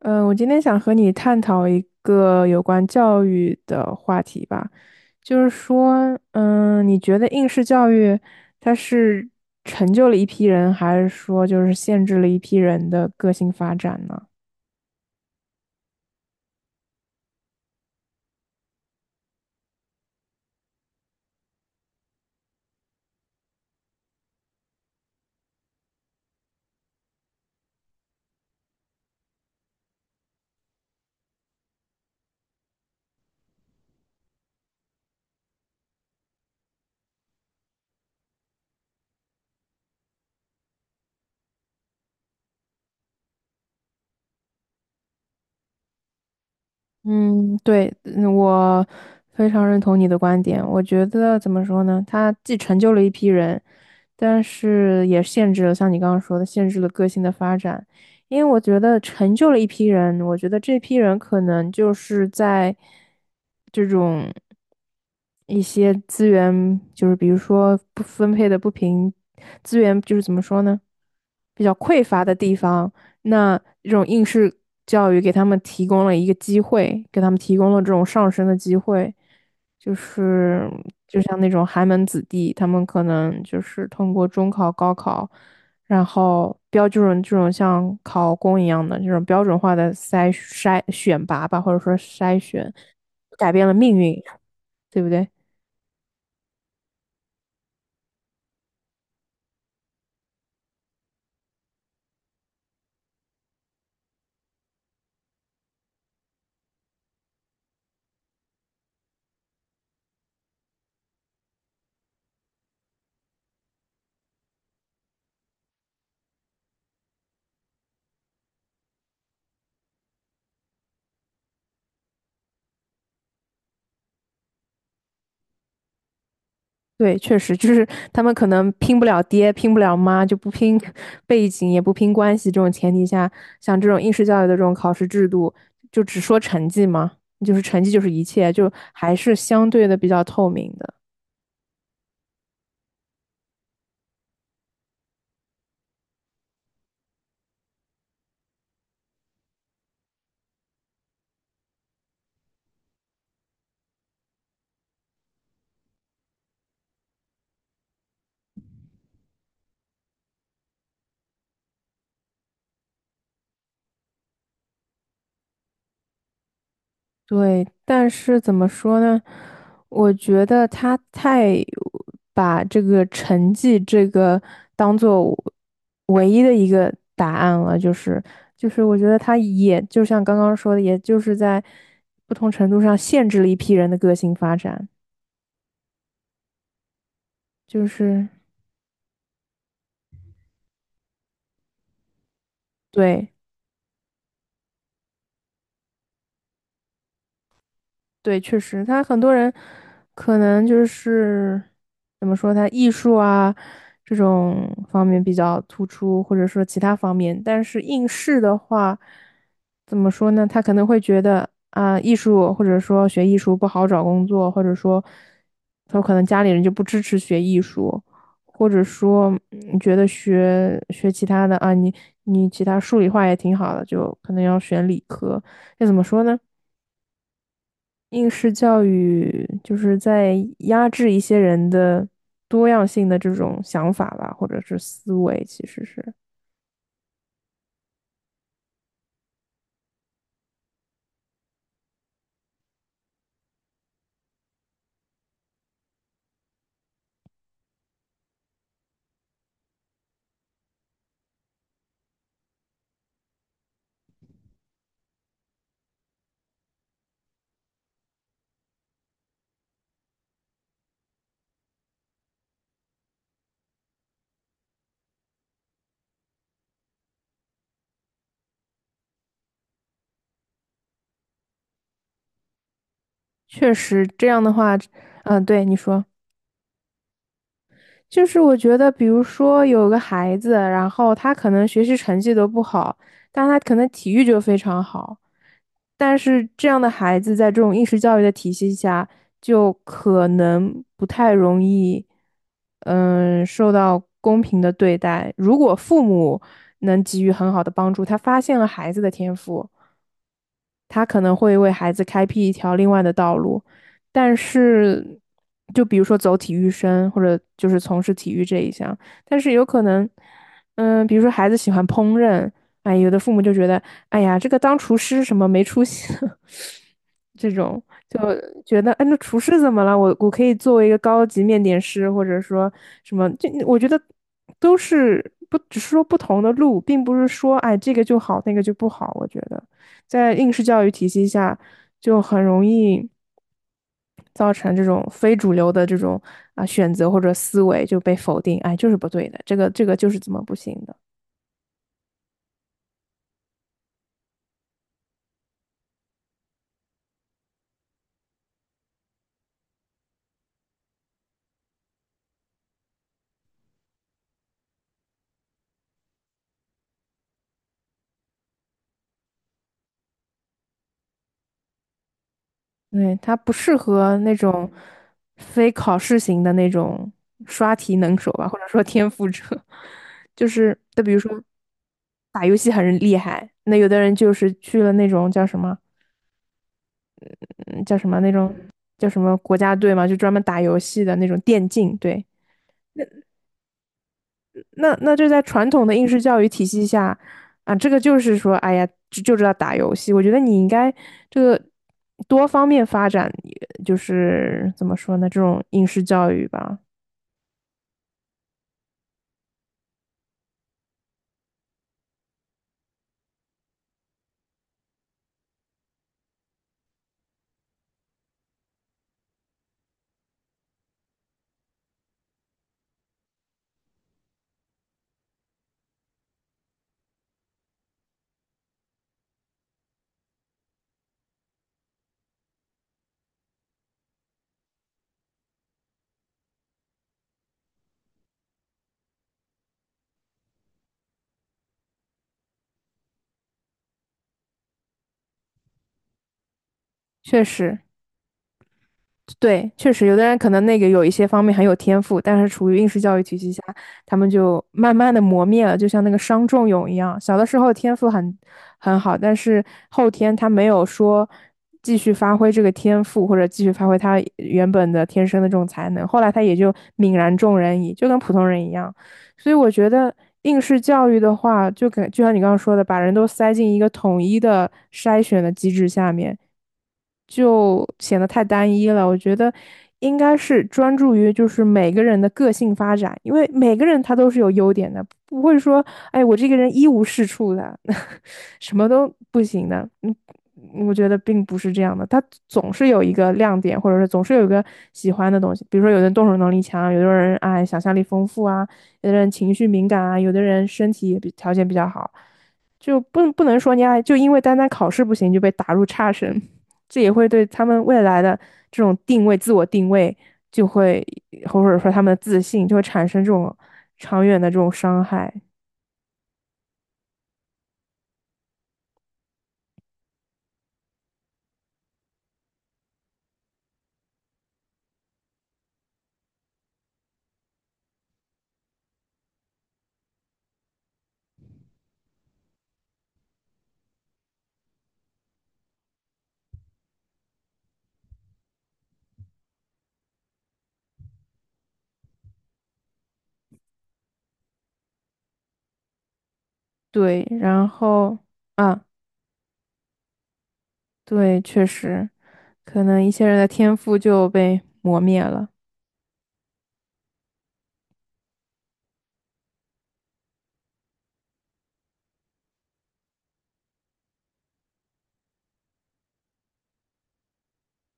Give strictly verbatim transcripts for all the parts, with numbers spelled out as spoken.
嗯，我今天想和你探讨一个有关教育的话题吧，就是说，嗯，你觉得应试教育它是成就了一批人，还是说就是限制了一批人的个性发展呢？嗯，对，嗯我非常认同你的观点。我觉得怎么说呢？他既成就了一批人，但是也限制了，像你刚刚说的，限制了个性的发展。因为我觉得成就了一批人，我觉得这批人可能就是在这种一些资源，就是比如说不分配的不平，资源就是怎么说呢，比较匮乏的地方。那这种应试教育给他们提供了一个机会，给他们提供了这种上升的机会，就是就像那种寒门子弟，他们可能就是通过中考、高考，然后标准这种像考公一样的这种标准化的筛筛选拔吧，或者说筛选，改变了命运，对不对？对，确实就是他们可能拼不了爹，拼不了妈，就不拼 背景，也不拼关系这种前提下，像这种应试教育的这种考试制度，就只说成绩嘛，就是成绩就是一切，就还是相对的比较透明的。对，但是怎么说呢？我觉得他太把这个成绩这个当做唯一的一个答案了，就是就是，我觉得他也就像刚刚说的，也就是在不同程度上限制了一批人的个性发展，就是对。对，确实，他很多人可能就是怎么说，他艺术啊这种方面比较突出，或者说其他方面，但是应试的话，怎么说呢？他可能会觉得啊，艺术或者说学艺术不好找工作，或者说他可能家里人就不支持学艺术，或者说你觉得学学其他的啊，你你其他数理化也挺好的，就可能要选理科。这怎么说呢？应试教育就是在压制一些人的多样性的这种想法吧，或者是思维，其实是确实这样的话，嗯，对你说，就是我觉得，比如说有个孩子，然后他可能学习成绩都不好，但他可能体育就非常好，但是这样的孩子在这种应试教育的体系下，就可能不太容易，嗯，受到公平的对待。如果父母能给予很好的帮助，他发现了孩子的天赋，他可能会为孩子开辟一条另外的道路。但是，就比如说走体育生，或者就是从事体育这一项，但是有可能，嗯，比如说孩子喜欢烹饪，哎，有的父母就觉得，哎呀，这个当厨师什么没出息。这种就觉得，哎，那厨师怎么了？我我可以作为一个高级面点师，或者说什么，就我觉得都是不只是说不同的路，并不是说哎这个就好，那个就不好。我觉得在应试教育体系下，就很容易造成这种非主流的这种啊选择或者思维就被否定，哎，就是不对的，这个这个就是怎么不行的。对，他不适合那种非考试型的那种刷题能手吧，或者说天赋者，就是就比如说打游戏很厉害，那有的人就是去了那种叫什么，嗯，叫什么那种叫什么国家队嘛，就专门打游戏的那种电竞，对，那那就在传统的应试教育体系下啊，这个就是说，哎呀，就就知道打游戏。我觉得你应该这个多方面发展，就是怎么说呢，这种应试教育吧，确实。对，确实有的人可能那个有一些方面很有天赋，但是处于应试教育体系下，他们就慢慢的磨灭了，就像那个伤仲永一样。小的时候天赋很很好，但是后天他没有说继续发挥这个天赋，或者继续发挥他原本的天生的这种才能，后来他也就泯然众人矣，就跟普通人一样。所以我觉得应试教育的话，就可，就像你刚刚说的，把人都塞进一个统一的筛选的机制下面，就显得太单一了。我觉得应该是专注于就是每个人的个性发展，因为每个人他都是有优点的，不会说，哎，我这个人一无是处的，什么都不行的。嗯，嗯我觉得并不是这样的，他总是有一个亮点，或者是总是有一个喜欢的东西。比如说，有的人动手能力强，有的人哎想象力丰富啊。有的人情绪敏感啊，有的人身体也比条件比较好，就不不能说你啊，就因为单单考试不行就被打入差生，这也会对他们未来的这种定位、自我定位，就会或者说他们的自信就会产生这种长远的这种伤害。对，然后啊，对，确实，可能一些人的天赋就被磨灭了。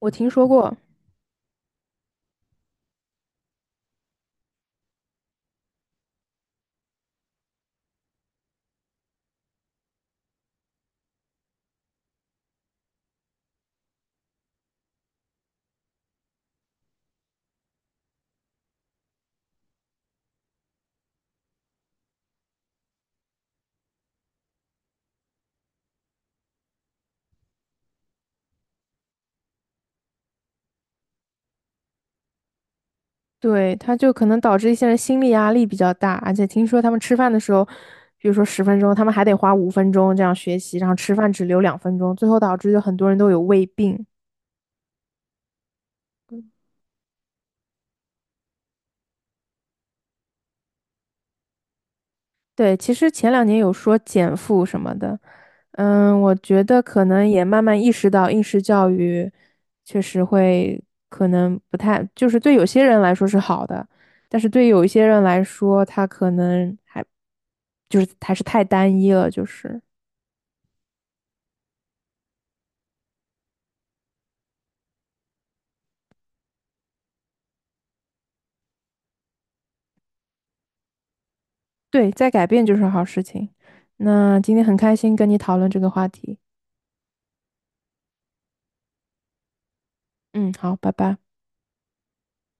我听说过。对，他就可能导致一些人心理压力比较大，而且听说他们吃饭的时候，比如说十分钟，他们还得花五分钟这样学习，然后吃饭只留两分钟，最后导致就很多人都有胃病。对，其实前两年有说减负什么的，嗯，我觉得可能也慢慢意识到应试教育确实会可能不太，就是对有些人来说是好的，但是对有一些人来说，他可能还就是还是太单一了，就是。对，在改变就是好事情。那今天很开心跟你讨论这个话题。嗯，好，拜拜。